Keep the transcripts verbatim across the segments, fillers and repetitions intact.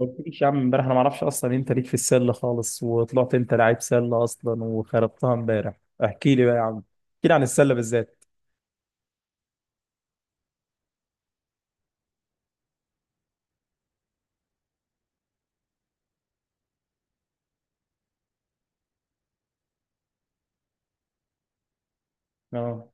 ما قلتليش يا عم، امبارح انا ما اعرفش اصلا انت ليك في السله خالص، وطلعت انت لعيب سله اصلا وخربتها امبارح. احكي لي بقى يا عم، احكي لي عن السله بالذات. اه.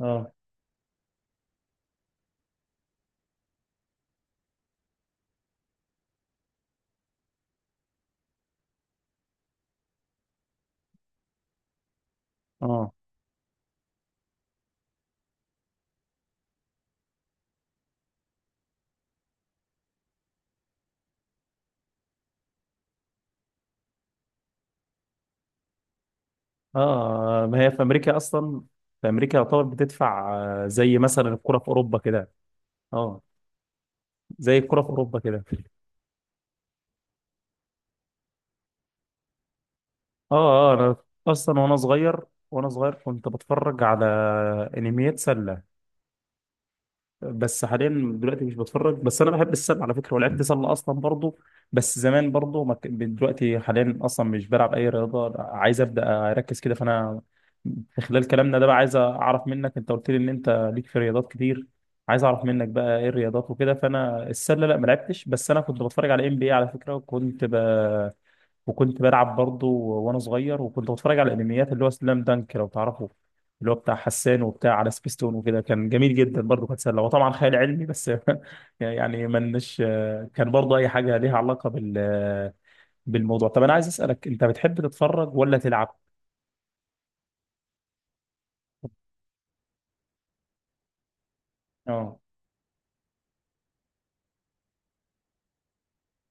اه. اه. اه. ما هي في امريكا اصلا، في امريكا يعتبر بتدفع. آه، زي مثلا الكره في اوروبا كده. اه. زي الكره في اوروبا كده. اه، اه، انا اصلا، وانا صغير وانا صغير كنت بتفرج على انميات سله. بس حاليا دلوقتي مش بتفرج، بس انا بحب السله على فكره ولعبت سله اصلا برضو. بس زمان برضو ما كان- دلوقتي حاليا اصلا مش بلعب اي رياضه، عايز ابدا اركز كده فانا في خلال كلامنا ده بقى عايز اعرف منك، انت قلت لي ان انت ليك في رياضات كتير، عايز اعرف منك بقى ايه الرياضات وكده. فانا السله لا ما لعبتش، بس انا كنت بتفرج على ام بي اي على فكره، وكنت ب... وكنت بلعب برضو وانا صغير، وكنت بتفرج على الانميات اللي هو سلام دانك لو تعرفه، اللي هو بتاع حسان وبتاع على سبيستون وكده. كان جميل جدا برضه، كانت سله وطبعا خيال علمي بس. يعني منش كان برضه اي حاجه ليها علاقه بال بالموضوع. طب انا عايز اسالك، انت بتحب تتفرج ولا تلعب؟ اه.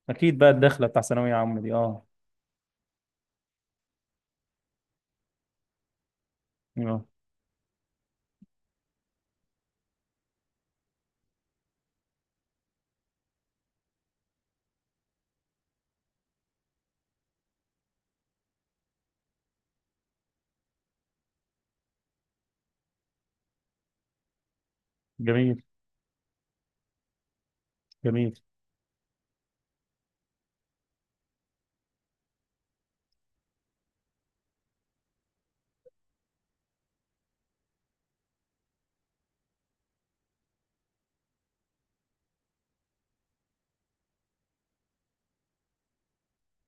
اكيد بقى الدخله بتاع ثانويه عامه دي، اه. اه. جميل. جميل.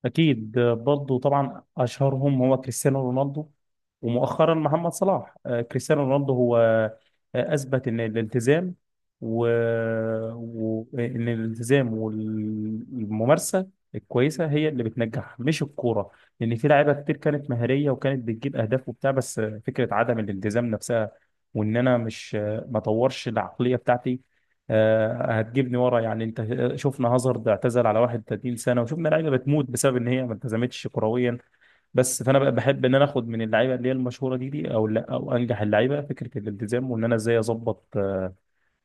أكيد آه، برضو طبعا أشهرهم هو كريستيانو رونالدو، ومؤخرا محمد صلاح. آه، كريستيانو رونالدو هو آه، أثبت إن الالتزام و... و... إن الالتزام والممارسة الكويسة هي اللي بتنجح، مش الكورة. لأن في لعيبة كتير كانت مهارية وكانت بتجيب أهداف وبتاع، بس آه، فكرة عدم الالتزام نفسها، وإن أنا مش آه، ما طورش العقلية بتاعتي آه، هتجيبني ورا يعني. انت شفنا هازارد اعتزل على واحد وتلاتين سنه، وشفنا لعيبه بتموت بسبب ان هي ما التزمتش كرويا. بس فانا بقى بحب ان انا اخد من اللعيبه اللي هي المشهوره دي دي او لا او انجح اللعيبه، فكره الالتزام، وان انا ازاي اظبط آه،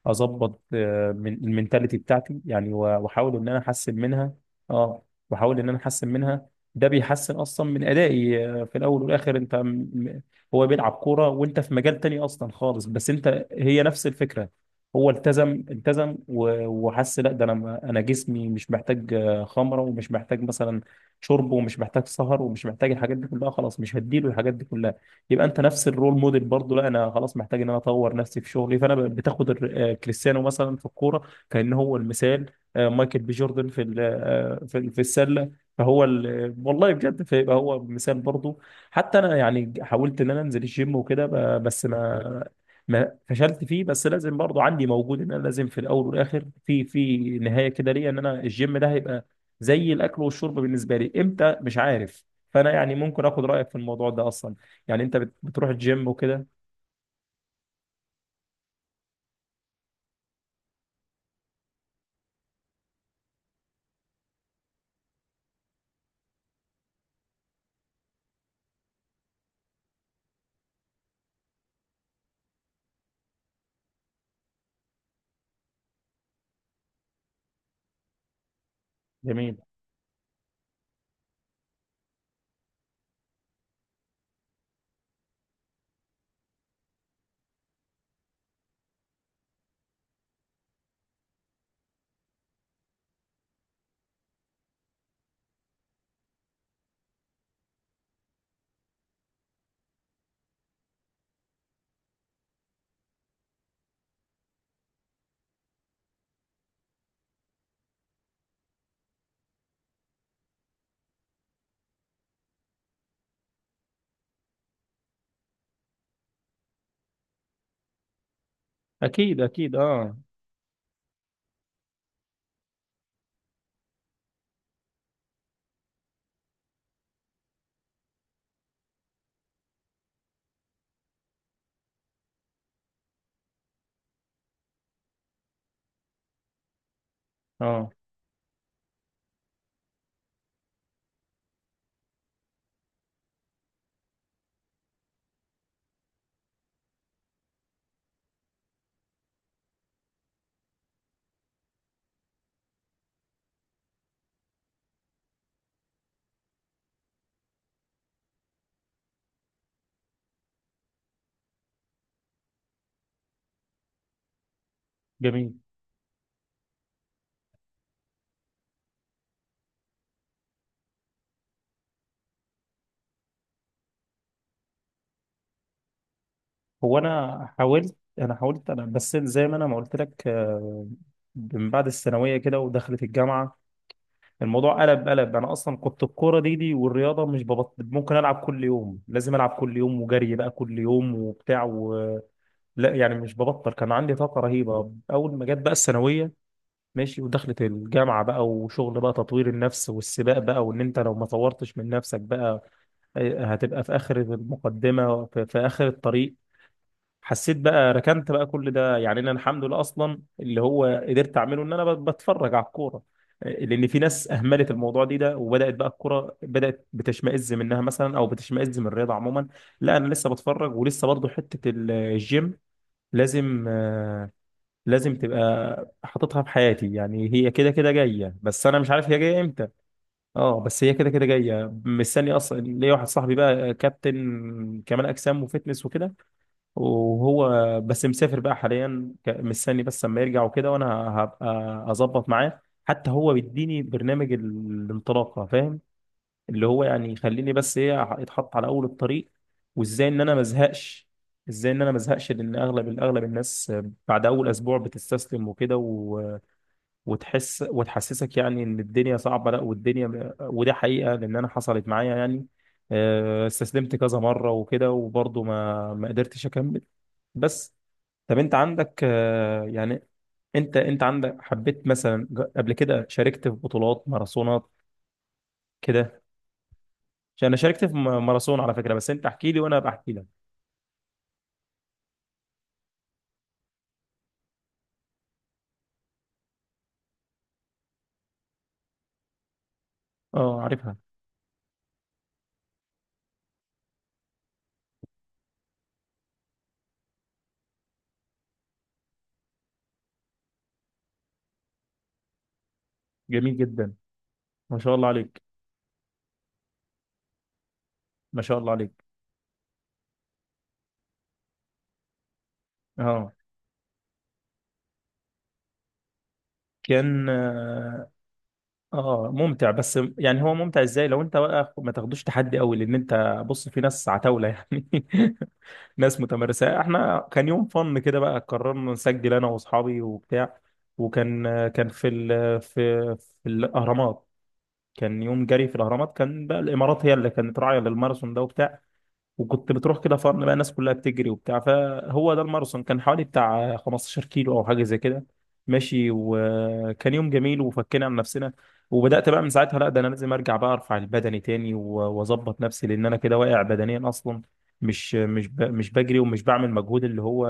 اظبط آه، من المينتاليتي بتاعتي، يعني و- واحاول ان انا احسن منها. اه. واحاول ان انا احسن منها، ده بيحسن اصلا من ادائي آه، في الاول والاخر. انت م- م- هو بيلعب كوره وانت في مجال تاني اصلا خالص، بس انت هي نفس الفكره. هو التزم التزم و- وحس، لا ده انا ما- انا جسمي مش محتاج آه، خمره، ومش محتاج مثلا شرب، ومش محتاج سهر، ومش محتاج الحاجات دي كلها. خلاص مش هديله الحاجات دي كلها. يبقى انت نفس الرول موديل برضه، لا انا خلاص محتاج ان انا اطور نفسي في شغلي. فانا ب- بتاخد الر- آه، كريستيانو مثلا في الكوره كان هو المثال، آه، مايكل بي جوردن في ال- آه، في ال- في السله، فهو ال- والله بجد فيبقى هو مثال برضه. حتى انا يعني حاولت ان انا انزل الجيم وكده ب- بس ما ما فشلت فيه، بس لازم برضه عندي موجود ان انا لازم في الاول والاخر في في نهايه كده ليا، ان انا الجيم ده هيبقى زي الاكل والشرب بالنسبه لي، امتى مش عارف. فانا يعني ممكن اخد رايك في الموضوع ده اصلا. يعني انت بت- بتروح الجيم وكده؟ جميل. اكيد، اكيد، اه، اه. جميل. هو انا حاولت انا حاولت انا، بس زي ما انا ما قلت لك آه، من بعد الثانويه كده ودخلت الجامعه، الموضوع قلب قلب. انا اصلا كنت الكوره دي دي والرياضه مش ببط... ممكن العب كل يوم، لازم العب كل يوم وجري بقى كل يوم وبتاع و... لا يعني مش ببطل، كان عندي طاقه رهيبه اول ما جت بقى الثانويه. ماشي، ودخلت الجامعه بقى، وشغل بقى تطوير النفس والسباق بقى، وان انت لو ما طورتش من نفسك بقى هتبقى في اخر المقدمه، في, في اخر الطريق. حسيت بقى ركنت بقى كل ده، يعني انا الحمد لله اصلا اللي هو قدرت اعمله ان انا ب- بتفرج على الكوره، لان في ناس اهملت الموضوع دي ده وبدات بقى الكوره بدات بتشمئز منها مثلا، او بتشمئز من الرياضه عموما. لا انا لسه بتفرج، ولسه برضو حته ال- الجيم لازم آه، لازم تبقى حاططها في حياتي، يعني هي كده كده جايه، بس انا مش عارف هي جايه امتى. اه بس هي كده كده جايه. مستني اصلا ليا واحد صاحبي بقى، كابتن كمال اجسام وفتنس وكده، وهو بس مسافر بقى حاليا، ك- مستني بس لما يرجع وكده، وانا هبقى اظبط معاه. حتى هو بيديني برنامج ال- الانطلاقه، فاهم؟ اللي هو يعني يخليني بس ايه، أح- اتحط على اول الطريق، وازاي ان انا ما ازهقش. ازاي ان انا ما ازهقش لان اغلب، اغلب الناس بعد اول اسبوع بتستسلم وكده، وتحس وتحسسك يعني ان الدنيا صعبه. لا والدنيا، وده حقيقه، لان انا حصلت معايا يعني آه، استسلمت كذا مره وكده، وبرضه ما ما قدرتش اكمل. بس طب انت عندك آه، يعني انت انت عندك، حبيت مثلا، ج- قبل كده شاركت في بطولات ماراثونات كده؟ عشان انا شاركت في م- ماراثون على فكره. بس انت احكي لي وانا بحكي لك. اه، عارفها. جميل جدا. ما شاء الله عليك، ما شاء الله عليك. اه. كان آه، اه ممتع، بس يعني هو ممتع ازاي لو انت بقى ما تاخدوش تحدي قوي؟ لان انت بص، في ناس عتاولة يعني، ناس متمرسة. احنا كان يوم فن كده بقى، قررنا نسجل انا واصحابي وبتاع. وكان كان في ال في في الاهرامات كان يوم جري في الاهرامات، كان بقى الامارات هي اللي كانت راعية للماراثون ده وبتاع، وكنت بتروح كده فرن بقى. الناس كلها بتجري وبتاع، فهو ده الماراثون، كان حوالي بتاع خمستاشر كيلو او حاجه زي كده، ماشي. وكان يوم جميل، وفكينا عن نفسنا. وبدات بقى من ساعتها، لا ده انا لازم ارجع بقى، ارفع البدني تاني و- واظبط نفسي، لان انا كده واقع بدنيا اصلا، مش مش ب- مش بجري ومش بعمل مجهود اللي هو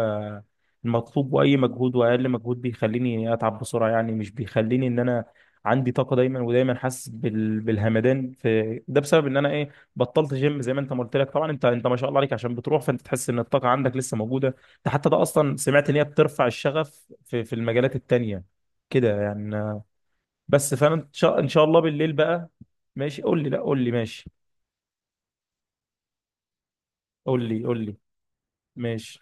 المطلوب. واي مجهود، واقل مجهود بيخليني اتعب بسرعه، يعني مش بيخليني ان انا عندي طاقه دايما. ودايما حاسس بال- بالهمدان في ده، بسبب ان انا إيه، بطلت جيم. زي ما انت ما قلت لك، طبعا انت انت ما شاء الله عليك عشان بتروح، فانت تحس ان الطاقه عندك لسه موجوده. ده حتى ده اصلا سمعت ان هي بترفع الشغف في في المجالات التانيه كده يعني. بس فانا ان شاء ان شاء الله بالليل بقى. ماشي قول لي، لا قول لي ماشي، قول لي قول لي ماشي.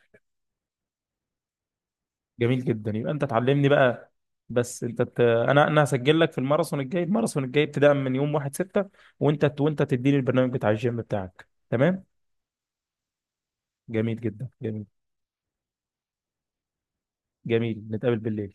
جميل جدا، يبقى انت تعلمني بقى. بس انت ت... انا انا هسجل لك في الماراثون الجاي الماراثون الجاي ابتداء من يوم واحد ستة، وانت وانت تديني البرنامج بتاع الجيم بتاعك، تمام. جميل جدا، جميل. جميل. نتقابل بالليل.